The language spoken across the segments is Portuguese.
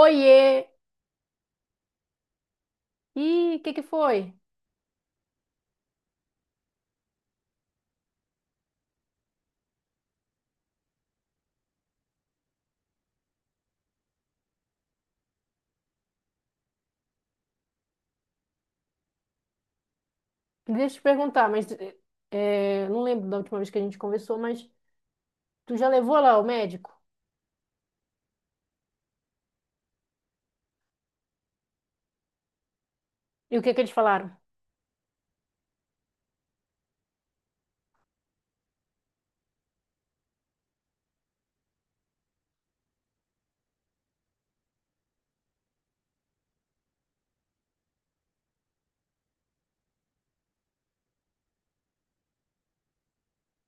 Oiê! Ih, o que que foi? Deixa eu te perguntar, mas não lembro da última vez que a gente conversou, mas tu já levou lá o médico? E o que que eles falaram?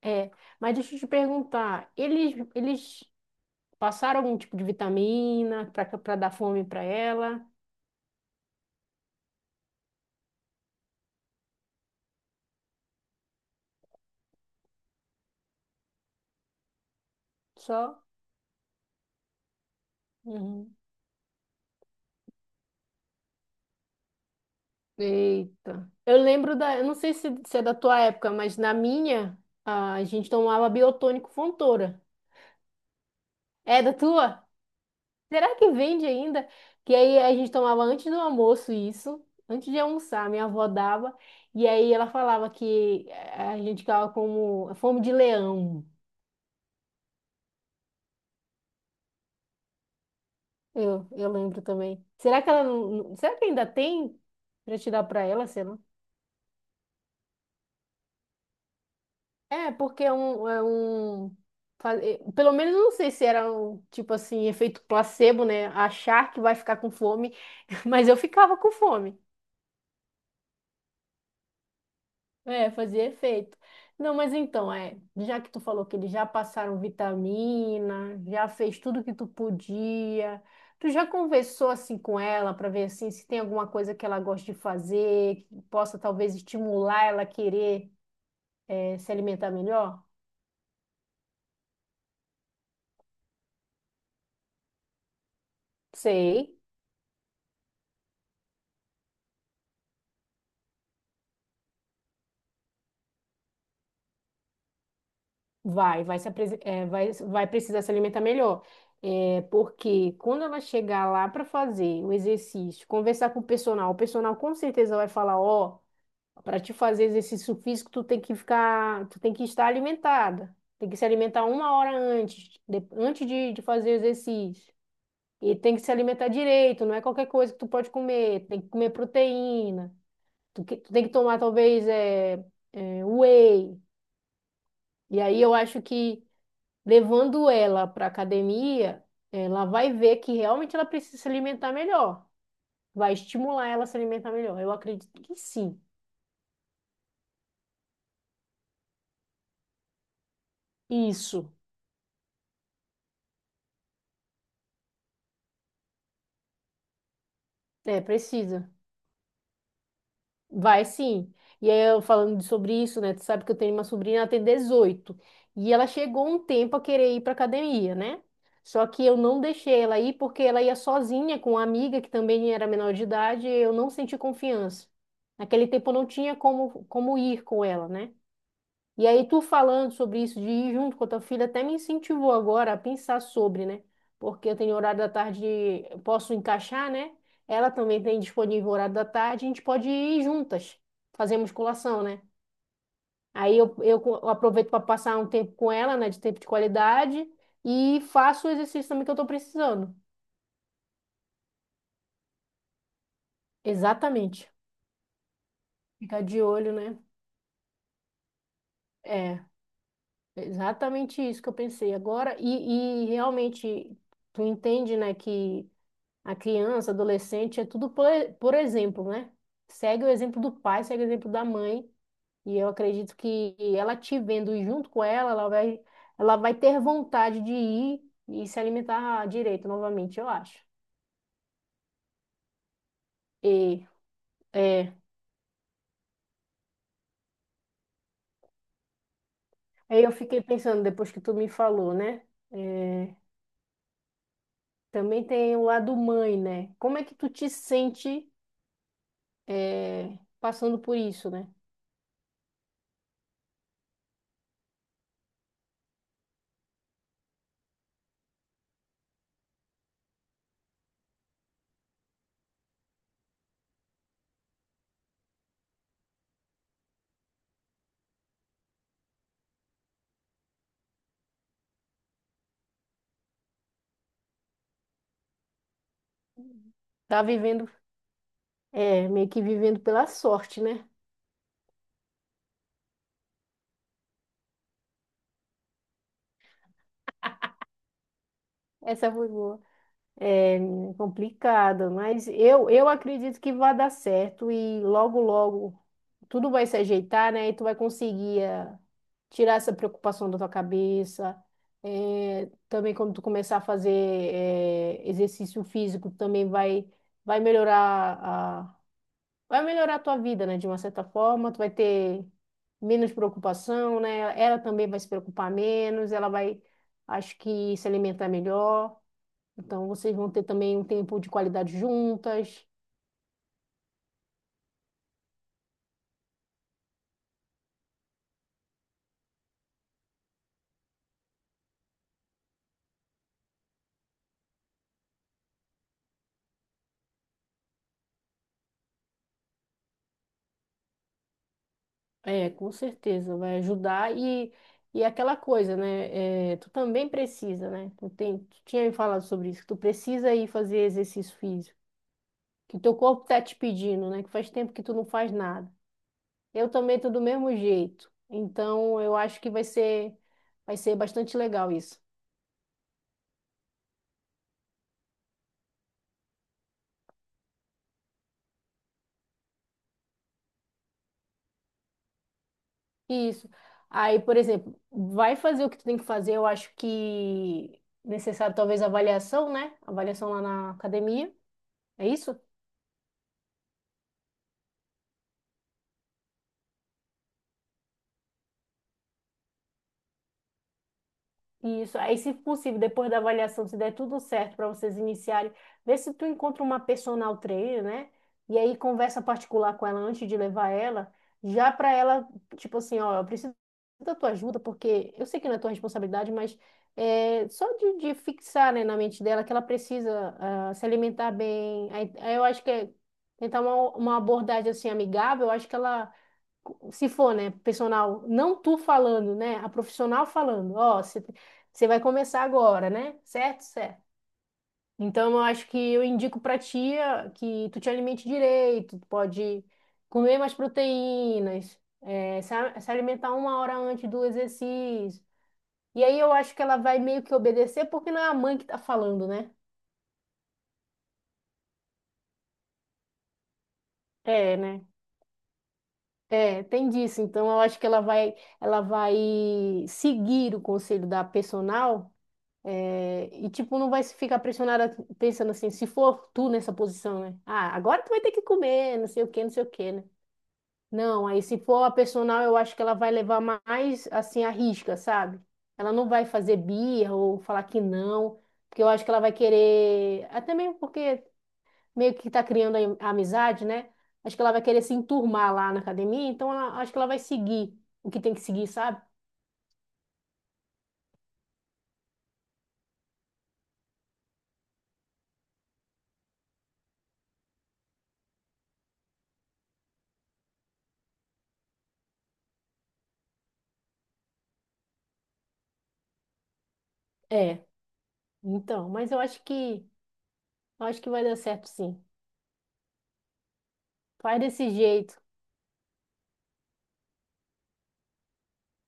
É, mas deixa eu te perguntar, eles passaram algum tipo de vitamina para dar fome para ela? Só? Uhum. Eita. Eu lembro da, eu não sei se é da tua época, mas na minha a gente tomava Biotônico Fontoura. É da tua? Será que vende ainda? Que aí a gente tomava antes do almoço isso, antes de almoçar, minha avó dava, e aí ela falava que a gente ficava como fome de leão. Eu lembro também. Será que ela não, não- será que ainda tem para te dar para ela, sei lá? É, porque é um pelo menos eu não sei se era um tipo assim, efeito placebo, né? Achar que vai ficar com fome, mas eu ficava com fome. É, fazia efeito. Não, mas então, é, já que tu falou que eles já passaram vitamina, já fez tudo que tu podia, tu já conversou assim com ela para ver assim se tem alguma coisa que ela gosta de fazer, que possa talvez estimular ela a querer se alimentar melhor? Sei, vai precisar se alimentar melhor. É, porque quando ela chegar lá para fazer o exercício, conversar com o personal com certeza vai falar, ó. Para te fazer exercício físico, tu tem que ficar, tu tem que estar alimentada. Tem que se alimentar uma hora antes, antes de fazer o exercício. E tem que se alimentar direito, não é qualquer coisa que tu pode comer. Tem que comer proteína. Tu tem que tomar, talvez, whey. E aí eu acho que levando ela para academia, ela vai ver que realmente ela precisa se alimentar melhor. Vai estimular ela a se alimentar melhor. Eu acredito que sim. Isso. É, precisa. Vai sim. E aí, eu falando sobre isso, né? Tu sabe que eu tenho uma sobrinha, ela tem dezoito. E ela chegou um tempo a querer ir pra academia, né? Só que eu não deixei ela ir porque ela ia sozinha com uma amiga que também era menor de idade e eu não senti confiança. Naquele tempo eu não tinha como ir com ela, né? E aí, tu falando sobre isso de ir junto com a tua filha, até me incentivou agora a pensar sobre, né? Porque eu tenho horário da tarde, eu posso encaixar, né? Ela também tem disponível horário da tarde, a gente pode ir juntas, fazer musculação, né? Aí eu aproveito para passar um tempo com ela, né? De tempo de qualidade, e faço o exercício também que eu tô precisando. Exatamente. Ficar de olho, né? É, exatamente isso que eu pensei agora. E realmente, tu entende, né? que. A criança, adolescente, é tudo por exemplo, né? Segue o exemplo do pai, segue o exemplo da mãe. E eu acredito que ela te vendo junto com ela, ela vai ter vontade de ir e se alimentar direito novamente, eu acho. E é, aí eu fiquei pensando, depois que tu me falou, né? É, também tem o lado mãe, né? Como é que tu te sente passando por isso, né? Tá vivendo, meio que vivendo pela sorte, né? Essa foi boa. É complicado, mas eu acredito que vai dar certo e logo, logo tudo vai se ajeitar, né? E tu vai conseguir tirar essa preocupação da tua cabeça. Também quando tu começar a fazer exercício físico, também vai melhorar a, vai melhorar a tua vida, né? De uma certa forma, tu vai ter menos preocupação, né? Ela também vai se preocupar menos, acho que se alimentar melhor. Então vocês vão ter também um tempo de qualidade juntas. É, com certeza, vai ajudar. E aquela coisa, né? É, tu também precisa, né? Tu tinha me falado sobre isso, que tu precisa ir fazer exercício físico, que teu corpo tá te pedindo, né? Que faz tempo que tu não faz nada. Eu também tô do mesmo jeito. Então eu acho que vai ser bastante legal isso. Isso. Aí, por exemplo, vai fazer o que tu tem que fazer, eu acho que necessário talvez avaliação, né? Avaliação lá na academia. É isso? Isso. Aí, se possível, depois da avaliação, se der tudo certo para vocês iniciarem, vê se tu encontra uma personal trainer, né? E aí conversa particular com ela antes de levar ela, já para ela, tipo assim, ó, eu preciso da tua ajuda, porque eu sei que não é tua responsabilidade, mas é só de fixar, né, na mente dela que ela precisa ah, se alimentar bem. Aí, aí eu acho que é tentar uma abordagem assim amigável, eu acho que ela se for, né, personal, não tu falando, né, a profissional falando, ó, você vai começar agora, né? Certo? Certo. Então eu acho que eu indico pra tia que tu te alimente direito, tu pode comer mais proteínas, é, se alimentar uma hora antes do exercício. E aí eu acho que ela vai meio que obedecer porque não é a mãe que tá falando, né? É, né? É, tem disso. Então eu acho que ela vai seguir o conselho da personal. É, e, tipo, não vai se ficar pressionada pensando assim, se for tu nessa posição, né? Ah, agora tu vai ter que comer, não sei o que, não sei o que, né? Não, aí se for a personal, eu acho que ela vai levar mais, assim, a risca, sabe? Ela não vai fazer birra ou falar que não, porque eu acho que ela vai querer, até mesmo porque meio que tá criando a amizade, né? Acho que ela vai querer se enturmar lá na academia, então acho que ela vai seguir o que tem que seguir, sabe? É, então, mas eu acho que vai dar certo, sim. Faz desse jeito.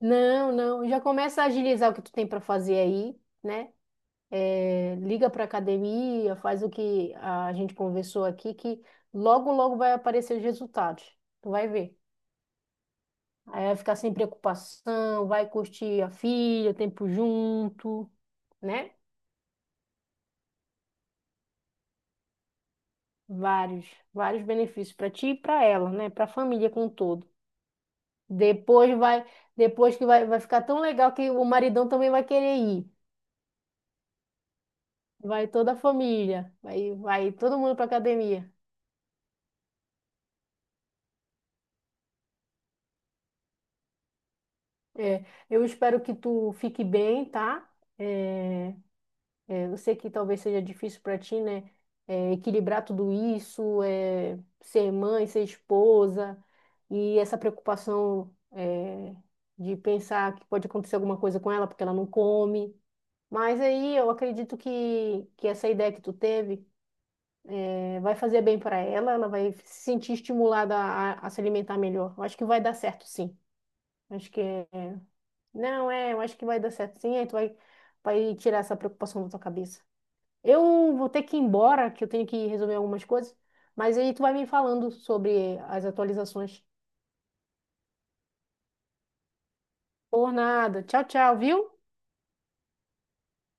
Não, não. Já começa a agilizar o que tu tem para fazer aí, né? É, liga para academia, faz o que a gente conversou aqui, que logo, logo vai aparecer os resultados. Tu vai ver. Aí vai ficar sem preocupação, vai curtir a filha, tempo junto, né? Vários, vários benefícios para ti e para ela, né? Para a família como um todo. Depois vai, depois que vai, vai ficar tão legal que o maridão também vai querer ir. Vai toda a família, vai todo mundo para academia. É, eu espero que tu fique bem, tá? É, eu sei que talvez seja difícil para ti, né? É, equilibrar tudo isso, é, ser mãe, ser esposa, e essa preocupação, é, de pensar que pode acontecer alguma coisa com ela porque ela não come. Mas aí eu acredito que essa ideia que tu teve é, vai fazer bem para ela, ela vai se sentir estimulada a se alimentar melhor. Eu acho que vai dar certo, sim. Acho que é. Não, é, eu acho que vai dar certo sim, aí tu vai tirar essa preocupação da tua cabeça. Eu vou ter que ir embora, que eu tenho que resolver algumas coisas, mas aí tu vai me falando sobre as atualizações. Por nada. Tchau, tchau, viu?